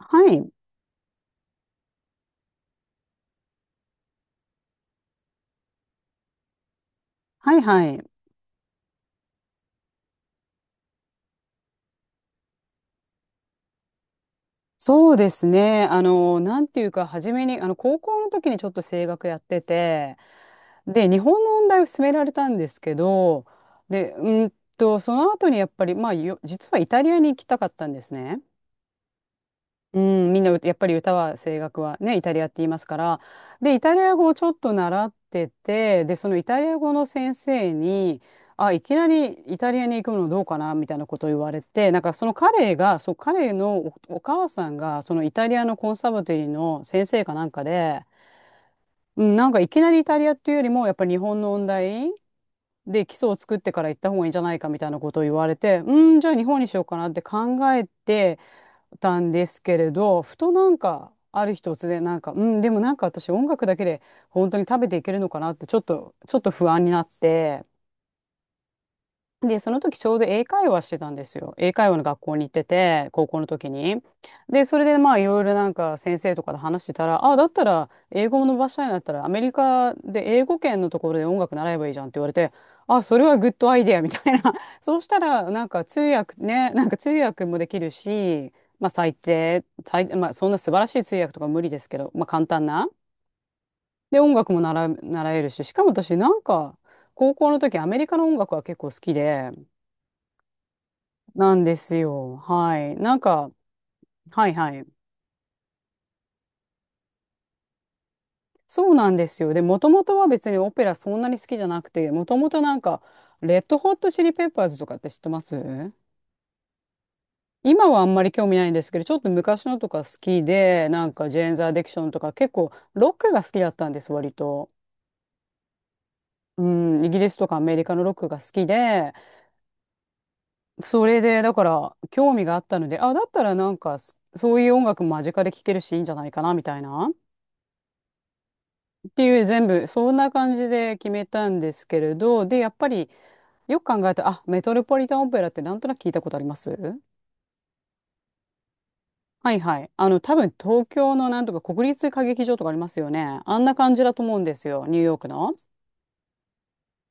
はい。はいはい。そうですね。なんていうか、初めに、高校の時にちょっと声楽やってて、で、日本の音大を勧められたんですけど、で、その後にやっぱり、まあ、実はイタリアに行きたかったんですね。うん、みんなやっぱり声楽はねイタリアって言いますから、でイタリア語をちょっと習ってて、でそのイタリア語の先生に「あ、いきなりイタリアに行くのどうかな」みたいなことを言われて、なんかその彼がそう彼のお母さんがそのイタリアのコンサバテリーの先生かなんかで、うん、なんかいきなりイタリアっていうよりもやっぱり日本の音大で基礎を作ってから行った方がいいんじゃないかみたいなことを言われて、じゃあ日本にしようかなって考えて、たんですけれど、ふとなんか、ある日突然なんか、でもなんか私音楽だけで本当に食べていけるのかなって、ちょっと不安になって、で、その時ちょうど英会話してたんですよ。英会話の学校に行ってて、高校の時に。で、それでまあいろいろなんか先生とかで話してたら、あ、だったら英語を伸ばしたいんだったらアメリカで英語圏のところで音楽習えばいいじゃんって言われて、あ、それはグッドアイデアみたいな。そうしたらなんか通訳ね、なんか通訳もできるし、まあ最低、まあそんな素晴らしい通訳とか無理ですけど、まあ簡単な。で、音楽も習えるし、しかも私なんか高校の時アメリカの音楽は結構好きで、なんですよ。はい。なんか、はいはい。そうなんですよ。で、もともとは別にオペラそんなに好きじゃなくて、もともとなんか、レッドホットチリペッパーズとかって知ってます？今はあんまり興味ないんですけど、ちょっと昔のとか好きで、なんかジェーンズ・アディクションとか結構ロックが好きだったんです、割と。うん、イギリスとかアメリカのロックが好きで、それでだから興味があったので、あ、だったらなんかそういう音楽間近で聴けるしいいんじゃないかなみたいな。っていう全部そんな感じで決めたんですけれど、で、やっぱりよく考えたら、あ、メトロポリタンオペラってなんとなく聞いたことあります？はいはい。多分東京のなんとか国立歌劇場とかありますよね。あんな感じだと思うんですよ、ニューヨークの。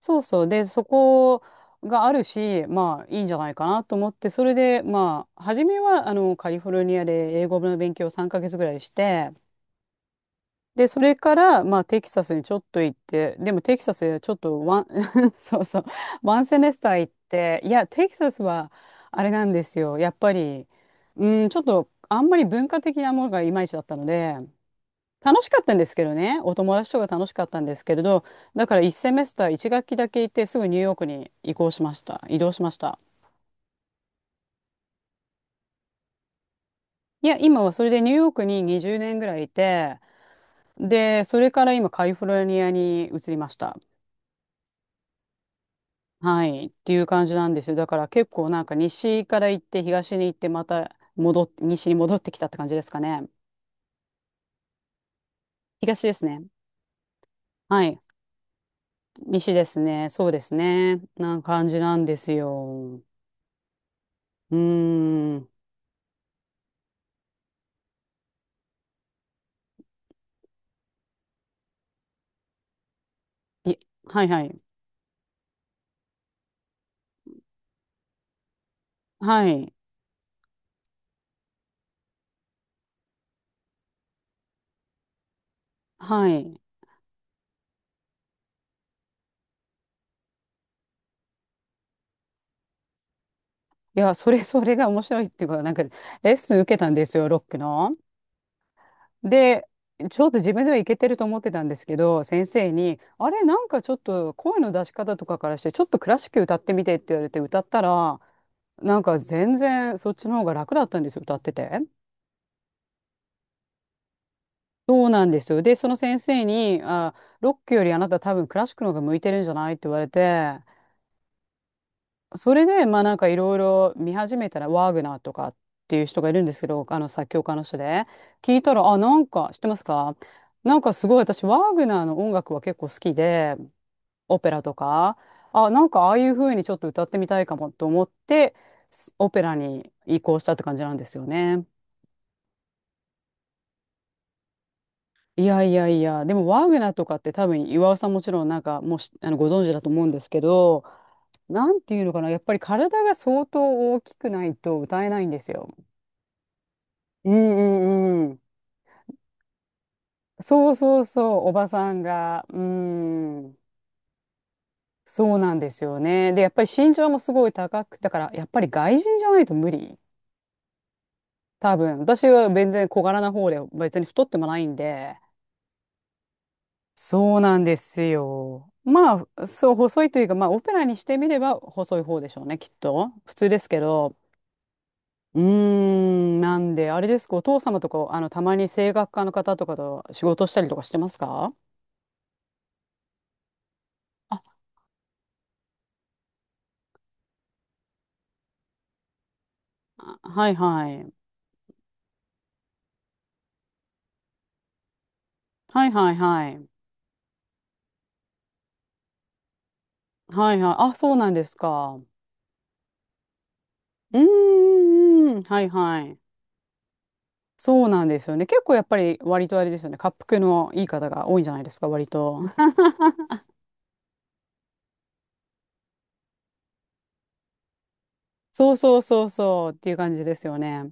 そうそう。で、そこがあるし、まあいいんじゃないかなと思って、それでまあ、初めはあのカリフォルニアで英語の勉強を3ヶ月ぐらいして、で、それから、まあ、テキサスにちょっと行って、でもテキサスはちょっとワン、そうそう、ワンセメスター行って、いや、テキサスはあれなんですよ。やっぱり、うん、ちょっとあんまり文化的なものがいまいちだったので、楽しかったんですけどね、お友達とか楽しかったんですけれど、だから1セメスター1学期だけ行って、すぐニューヨークに移行しました。移動しました。いや、今はそれでニューヨークに20年ぐらいいて、で、それから今カリフォルニアに移りました。はい。っていう感じなんですよ。だから結構なんか西から行って東に行ってまた西に戻ってきたって感じですかね。東ですね。はい。西ですね。そうですね。な感じなんですよ。うーん。い、はいはい。はい。はい。いや、それが面白いっていうか、なんかレッスン受けたんですよ、ロックの。で、ちょっと自分ではいけてると思ってたんですけど、先生に、あれ、なんかちょっと声の出し方とかからして、ちょっとクラシック歌ってみてって言われて歌ったら、なんか全然そっちの方が楽だったんですよ、歌ってて。そうなんですよ。で、その先生に、あ、ロックよりあなた多分クラシックの方が向いてるんじゃないって言われて、それで、まあなんかいろいろ見始めたら、ワーグナーとかっていう人がいるんですけど、あの作曲家の人で、聞いたら、あ、なんか知ってますか？なんかすごい私、ワーグナーの音楽は結構好きで、オペラとか、あ、なんかああいう風にちょっと歌ってみたいかもと思って、オペラに移行したって感じなんですよね。いやいやいや、でもワーグナーとかって多分岩尾さんもちろんなんかもうしあのご存知だと思うんですけど、なんていうのかな、やっぱり体が相当大きくないと歌えないんですよ。うんうんうん。そうそうそう、おばさんが。うん。そうなんですよね。で、やっぱり身長もすごい高く、だからやっぱり外人じゃないと無理。多分。私は全然小柄な方で、別に太ってもないんで。そうなんですよ。まあ、そう、細いというか、まあ、オペラにしてみれば細い方でしょうね、きっと。普通ですけど。うーん、なんで、あれですか、お父様とか、たまに声楽家の方とかと仕事したりとかしてますか？あ、あはいはい。はいはいはい。はいはい。あ、そうなんですか。うーん。はいはい。そうなんですよね。結構やっぱり割とあれですよね。恰幅のいい方が多いんじゃないですか、割と。そうそうそうそうっていう感じですよね。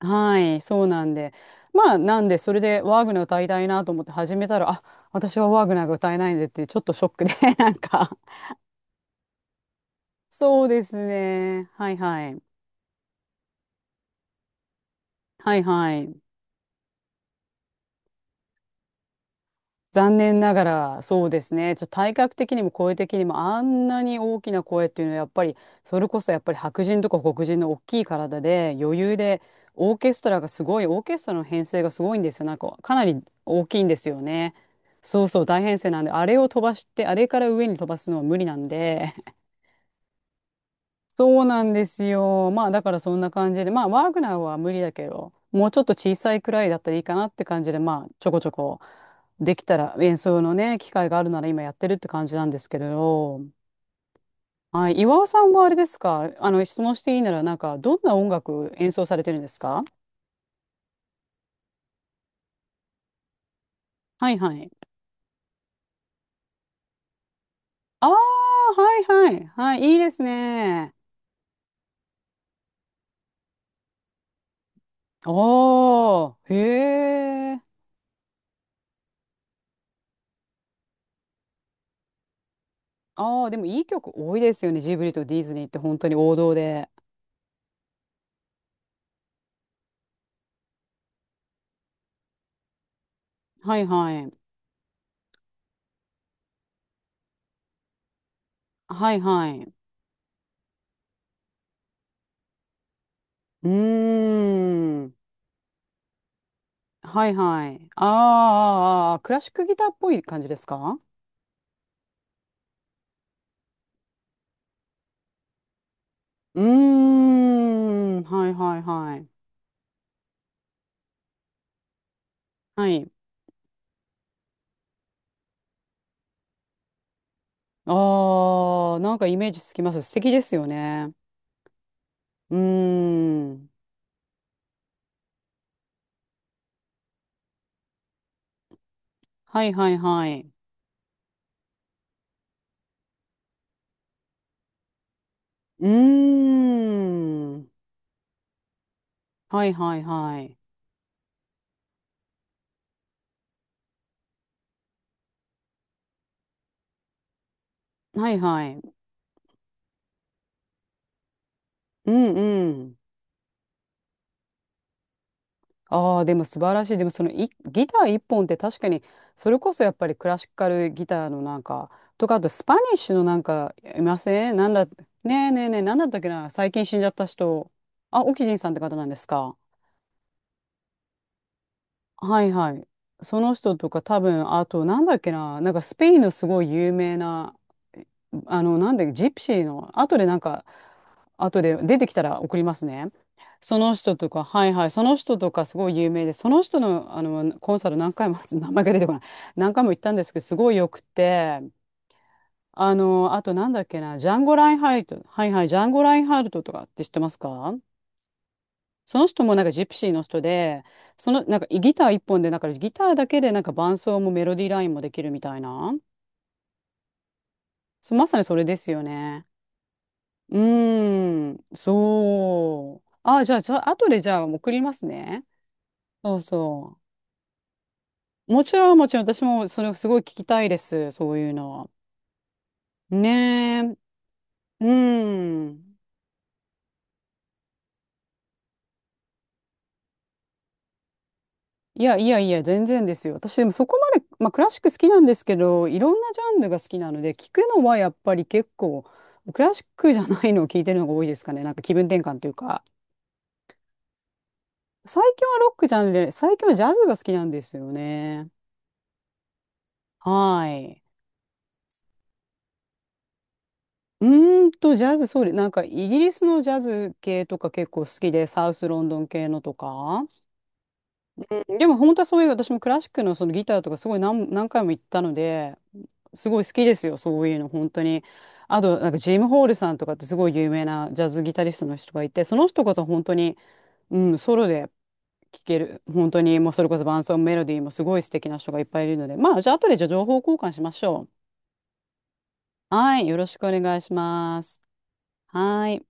はい、そうなんで。まあ、なんで、それでワーグナー歌いたいなと思って始めたら、あ、私はワーグナーが歌えないんでって、ちょっとショックで、なんか。そうですね。はいはい。はいはい。残念ながら、そうですね。ちょっと体格的にも声的にもあんなに大きな声っていうのはやっぱり、それこそやっぱり白人とか黒人の大きい体で余裕で、オーケストラの編成がすごいんですよ。なんかかなり大きいんですよね。そうそう、大編成なんで、あれを飛ばして、あれから上に飛ばすのは無理なんで、そうなんですよ。まあだからそんな感じで、まあワーグナーは無理だけど、もうちょっと小さいくらいだったらいいかなって感じで、まあちょこちょこできたら演奏のね、機会があるなら今やってるって感じなんですけれど、はい、岩尾さんはあれですか、質問していいならなんかどんな音楽演奏されてるんですか？はいはい。ああ、はいはい。はい、いいですね。おー、へえ。ああ、でもいい曲多いですよね。ジブリとディズニーって本当に王道で。はいはい。はいはい。うーん。はいはい。あーあー、あークラシックギターっぽい感じですか？うーん。はいはいはい。はい。ああ、なんかイメージつきます。素敵ですよね。うーん。はいはいはい。うーん。はいはいはい。はいはい。うんうん。ああ、でも素晴らしい。でもそのいギター一本って確かに、それこそやっぱりクラシカルギターのなんか、とか、あとスパニッシュのなんか、いませんなんだ、ねえねえねえ、なんだったっけな、最近死んじゃった人。あ、オキジンさんって方なんですか？はいはい。その人とか多分、あと、なんだっけな、なんかスペインのすごい有名な、なんで、ジプシーの、後でなんか、後で出てきたら送りますね。その人とか、はいはい、その人とかすごい有名で、その人の、コンサル何回も、名前が出てこない、何回も行ったんですけど、すごいよくて、あとなんだっけな、ジャンゴ・ラインハルト、はいはい、ジャンゴ・ラインハルトとかって知ってますか？その人もなんかジプシーの人で、そのなんかギター一本で、なんかギターだけでなんか伴奏もメロディーラインもできるみたいな。そう、まさにそれですよね。うーん、そう。あ、じゃあ、じゃあ、後でじゃあ送りますね。そうそう。もちろん、もちろん、私もそれすごい聞きたいです。そういうの。ねえ。うん。いやいやいや、全然ですよ。私でもそこまで、まあ、クラシック好きなんですけど、いろんなジャンルが好きなので、聞くのはやっぱり結構、クラシックじゃないのを聞いてるのが多いですかね。なんか気分転換というか。最近はロックじゃんで、最近はジャズが好きなんですよね。はい。うーんと、ジャズ、そうで、なんかイギリスのジャズ系とか結構好きで、サウスロンドン系のとか。うん、でも本当はそういう、私もクラシックのそのギターとかすごい何、何回も行ったので、すごい好きですよ、そういうの、本当に。あと、なんかジム・ホールさんとかってすごい有名なジャズギタリストの人がいて、その人こそ本当に、うん、ソロで聴ける、本当に、もうそれこそ伴奏もメロディーもすごい素敵な人がいっぱいいるので、まあ、じゃあ、後でじゃあ情報交換しましょう。はい、よろしくお願いします。はい。